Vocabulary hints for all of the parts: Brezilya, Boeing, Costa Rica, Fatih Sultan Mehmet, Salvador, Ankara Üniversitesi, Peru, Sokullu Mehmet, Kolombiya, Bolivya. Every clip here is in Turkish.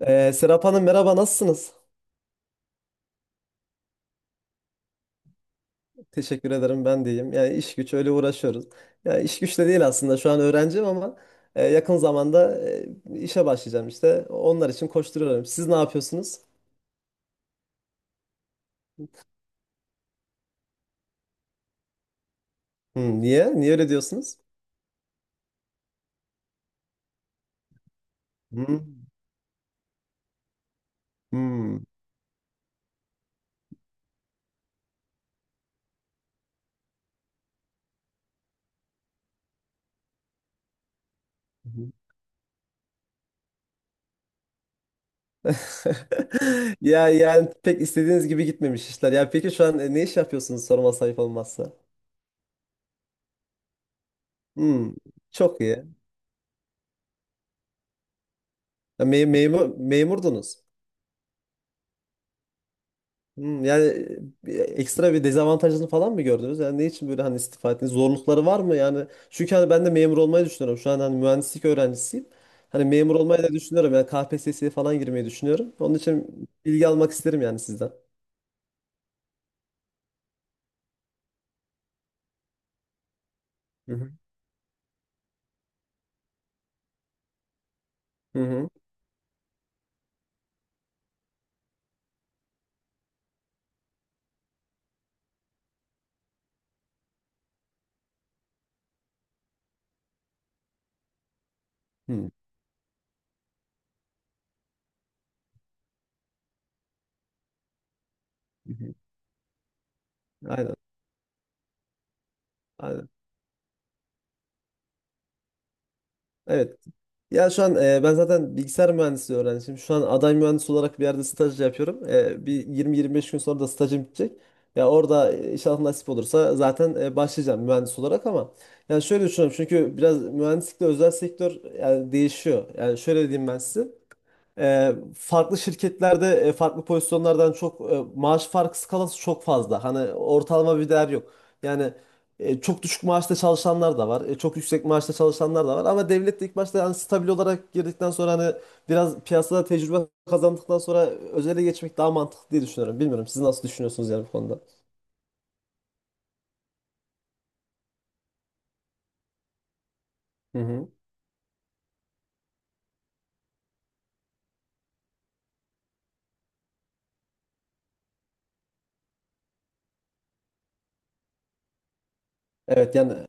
Serap Hanım, merhaba, nasılsınız? Teşekkür ederim, ben de iyiyim. Yani iş güç öyle uğraşıyoruz. Yani iş güç de değil, aslında şu an öğrenciyim ama yakın zamanda işe başlayacağım işte. Onlar için koşturuyorum. Siz ne yapıyorsunuz? Niye? Niye öyle diyorsunuz? Hmm, hmm. Hmm. Ya yani pek istediğiniz gibi gitmemiş işler. Ya peki şu an ne iş yapıyorsunuz, sorma sayıp olmazsa? Hmm, çok iyi. Ya, memurdunuz. Yani ekstra bir dezavantajını falan mı gördünüz? Yani ne için böyle hani istifa ettiniz? Zorlukları var mı? Yani çünkü hani ben de memur olmayı düşünüyorum. Şu an hani mühendislik öğrencisiyim. Hani memur olmayı da düşünüyorum. Yani KPSS'ye falan girmeyi düşünüyorum. Onun için bilgi almak isterim yani sizden. Hı hı. Hı hı. Hı hı. Aynen. Aynen. Evet. Ya şu an ben zaten bilgisayar mühendisliği öğrencisiyim. Şu an aday mühendis olarak bir yerde staj yapıyorum. Bir 20-25 gün sonra da stajım bitecek. Ya orada inşallah nasip olursa zaten başlayacağım mühendis olarak, ama yani şöyle düşünüyorum, çünkü biraz mühendislikle özel sektör yani değişiyor. Yani şöyle diyeyim ben size. Farklı şirketlerde farklı pozisyonlardan çok maaş farkı skalası çok fazla. Hani ortalama bir değer yok. Yani çok düşük maaşta çalışanlar da var. Çok yüksek maaşta çalışanlar da var. Ama devlet de ilk başta yani stabil olarak girdikten sonra hani biraz piyasada tecrübe kazandıktan sonra özele geçmek daha mantıklı diye düşünüyorum. Bilmiyorum, siz nasıl düşünüyorsunuz yani bu konuda? Hı hı. Evet yani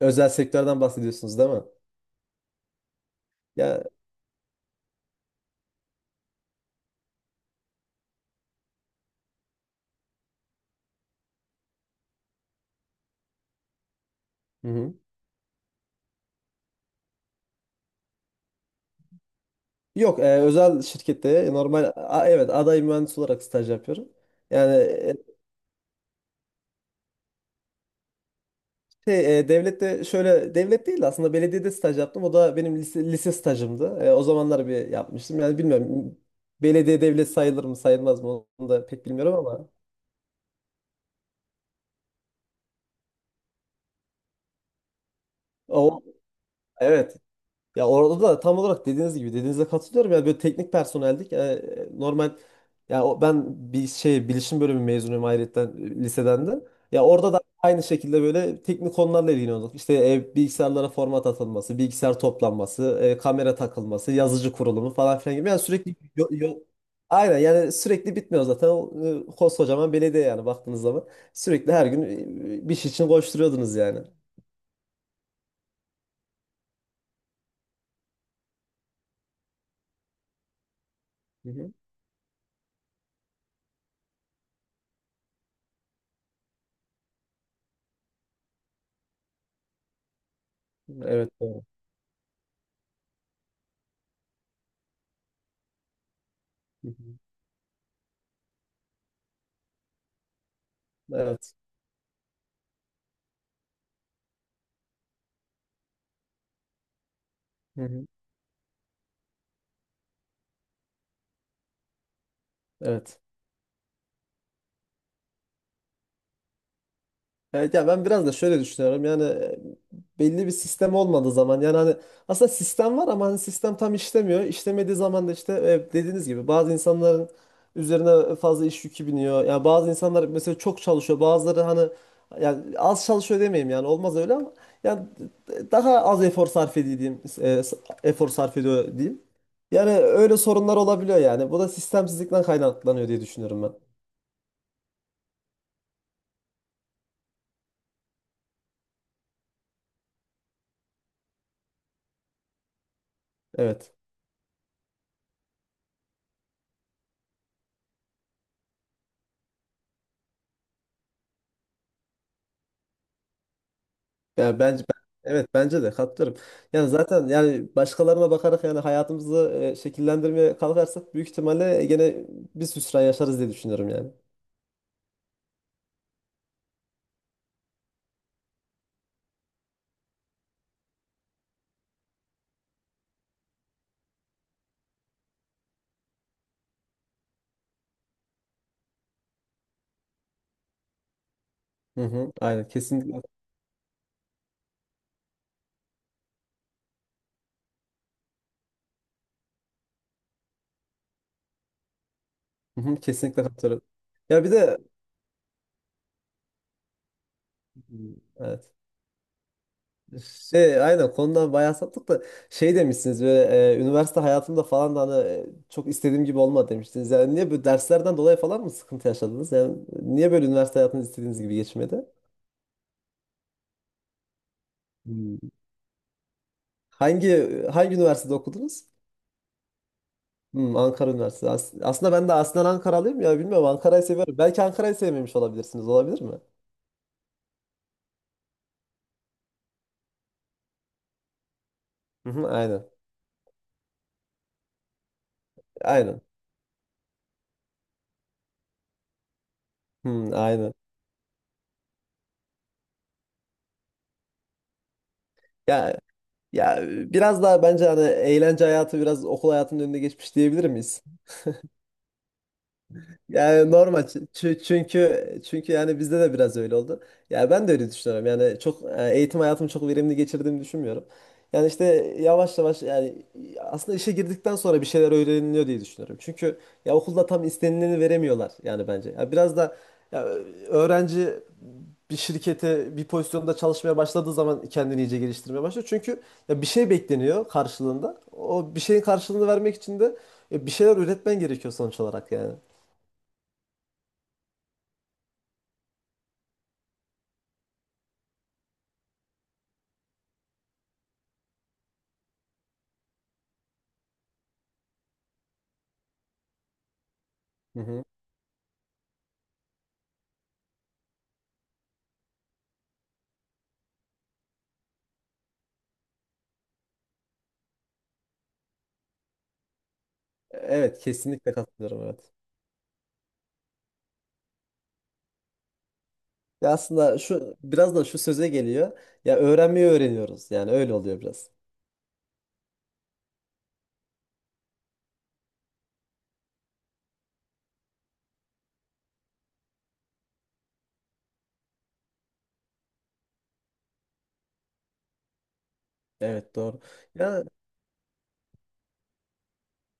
özel sektörden bahsediyorsunuz, değil mi? Ya hı hı. Yok, özel şirkette normal evet, aday mühendis olarak staj yapıyorum. Yani şey, devlette, şöyle devlet değil de aslında belediyede staj yaptım. O da benim lise stajımdı. O zamanlar bir yapmıştım. Yani bilmiyorum, belediye devlet sayılır mı sayılmaz mı onu da pek bilmiyorum, ama o evet. Ya orada da tam olarak dediğiniz gibi, dediğinize katılıyorum. Yani böyle teknik personeldik. Yani normal ya ben bir şey bilişim bölümü mezunuyum ayrıca liseden de. Ya orada da aynı şekilde böyle teknik konularla ilgileniyorduk. İşte bilgisayarlara format atılması, bilgisayar toplanması, kamera takılması, yazıcı kurulumu falan filan gibi. Yani sürekli. Aynen, yani sürekli bitmiyor zaten. Koskocaman belediye yani baktığınız zaman. Sürekli her gün bir şey için koşturuyordunuz yani. Hı hı. Evet doğru. Hı hı. Evet. Evet. Evet ya, ben biraz da şöyle düşünüyorum. Yani belli bir sistem olmadığı zaman yani hani aslında sistem var ama hani sistem tam işlemiyor. İşlemediği zaman da işte dediğiniz gibi bazı insanların üzerine fazla iş yükü biniyor. Yani bazı insanlar mesela çok çalışıyor. Bazıları hani yani az çalışıyor demeyeyim, yani olmaz öyle ama yani daha az efor sarf ediyor diyeyim. Efor sarf ediyor diyeyim. Yani öyle sorunlar olabiliyor yani. Bu da sistemsizlikten kaynaklanıyor diye düşünüyorum ben. Evet. Ya bence evet, bence de katılırım. Yani zaten yani başkalarına bakarak yani hayatımızı şekillendirmeye kalkarsak, büyük ihtimalle gene biz hüsran yaşarız diye düşünüyorum yani. Hı hı, aynen, kesinlikle. Hı hı, kesinlikle katılırım. Ya bir de evet. Şey aynen, konudan bayağı saptık da şey demişsiniz böyle üniversite hayatımda falan da hani çok istediğim gibi olmadı demiştiniz. Yani niye böyle, derslerden dolayı falan mı sıkıntı yaşadınız? Yani niye böyle üniversite hayatınız istediğiniz gibi geçmedi? Hmm. Hangi hangi üniversitede okudunuz? Ankara Üniversitesi. Aslında ben de aslen Ankaralıyım, ya bilmiyorum, Ankara'yı seviyorum. Belki Ankara'yı sevmemiş olabilirsiniz. Olabilir mi? Hı hı, aynen. Aynen. Hmm, aynen. Ya ya biraz daha bence hani eğlence hayatı biraz okul hayatının önüne geçmiş diyebilir miyiz? Yani normal çünkü yani bizde de biraz öyle oldu. Ya ben de öyle düşünüyorum. Yani çok eğitim hayatımı çok verimli geçirdiğimi düşünmüyorum. Yani işte yavaş yavaş yani aslında işe girdikten sonra bir şeyler öğreniliyor diye düşünüyorum. Çünkü ya okulda tam istenileni veremiyorlar yani bence. Ya biraz da ya öğrenci bir şirkete bir pozisyonda çalışmaya başladığı zaman kendini iyice geliştirmeye başlıyor. Çünkü ya bir şey bekleniyor karşılığında. O bir şeyin karşılığını vermek için de bir şeyler üretmen gerekiyor sonuç olarak yani. Hı hı. Evet kesinlikle katılıyorum, evet. Ya aslında şu biraz da şu söze geliyor. Ya öğrenmeyi öğreniyoruz. Yani öyle oluyor biraz. Evet doğru. Ya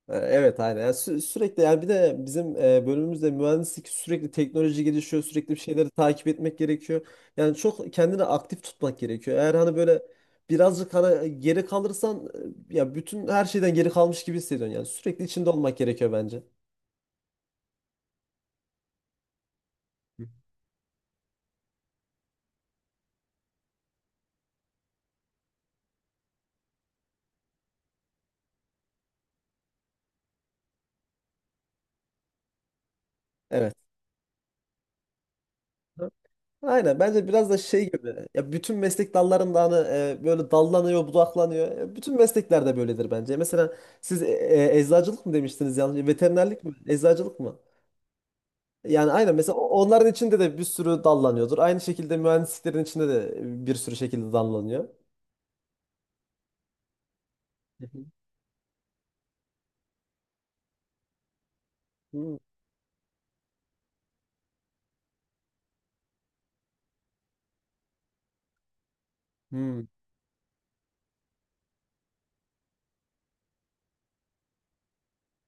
evet aynen. Yani sürekli yani bir de bizim bölümümüzde mühendislik sürekli teknoloji gelişiyor. Sürekli bir şeyleri takip etmek gerekiyor. Yani çok kendini aktif tutmak gerekiyor. Eğer hani böyle birazcık hani geri kalırsan ya bütün her şeyden geri kalmış gibi hissediyorsun. Yani sürekli içinde olmak gerekiyor bence. Evet. Aynen, bence biraz da şey gibi, ya bütün meslek dallarında hani böyle dallanıyor budaklanıyor. Ya bütün mesleklerde böyledir bence. Mesela siz eczacılık mı demiştiniz, yanlış? Veterinerlik mi? Eczacılık mı? Yani aynen mesela onların içinde de bir sürü dallanıyordur. Aynı şekilde mühendisliklerin içinde de bir sürü şekilde dallanıyor. Hı hı. Hmm. Hmm.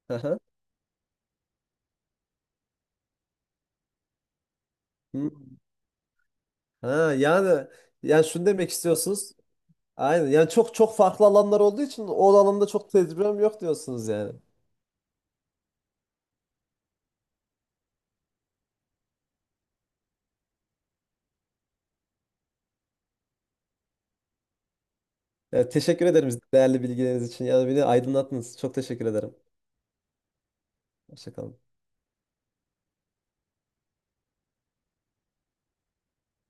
Aha. Hmm. Ha, yani şunu demek istiyorsunuz. Aynen. Yani çok çok farklı alanlar olduğu için o alanda çok tecrübem yok diyorsunuz yani. Ya, teşekkür ederim değerli bilgileriniz için. Ya beni aydınlattınız. Çok teşekkür ederim. Hoşça kalın.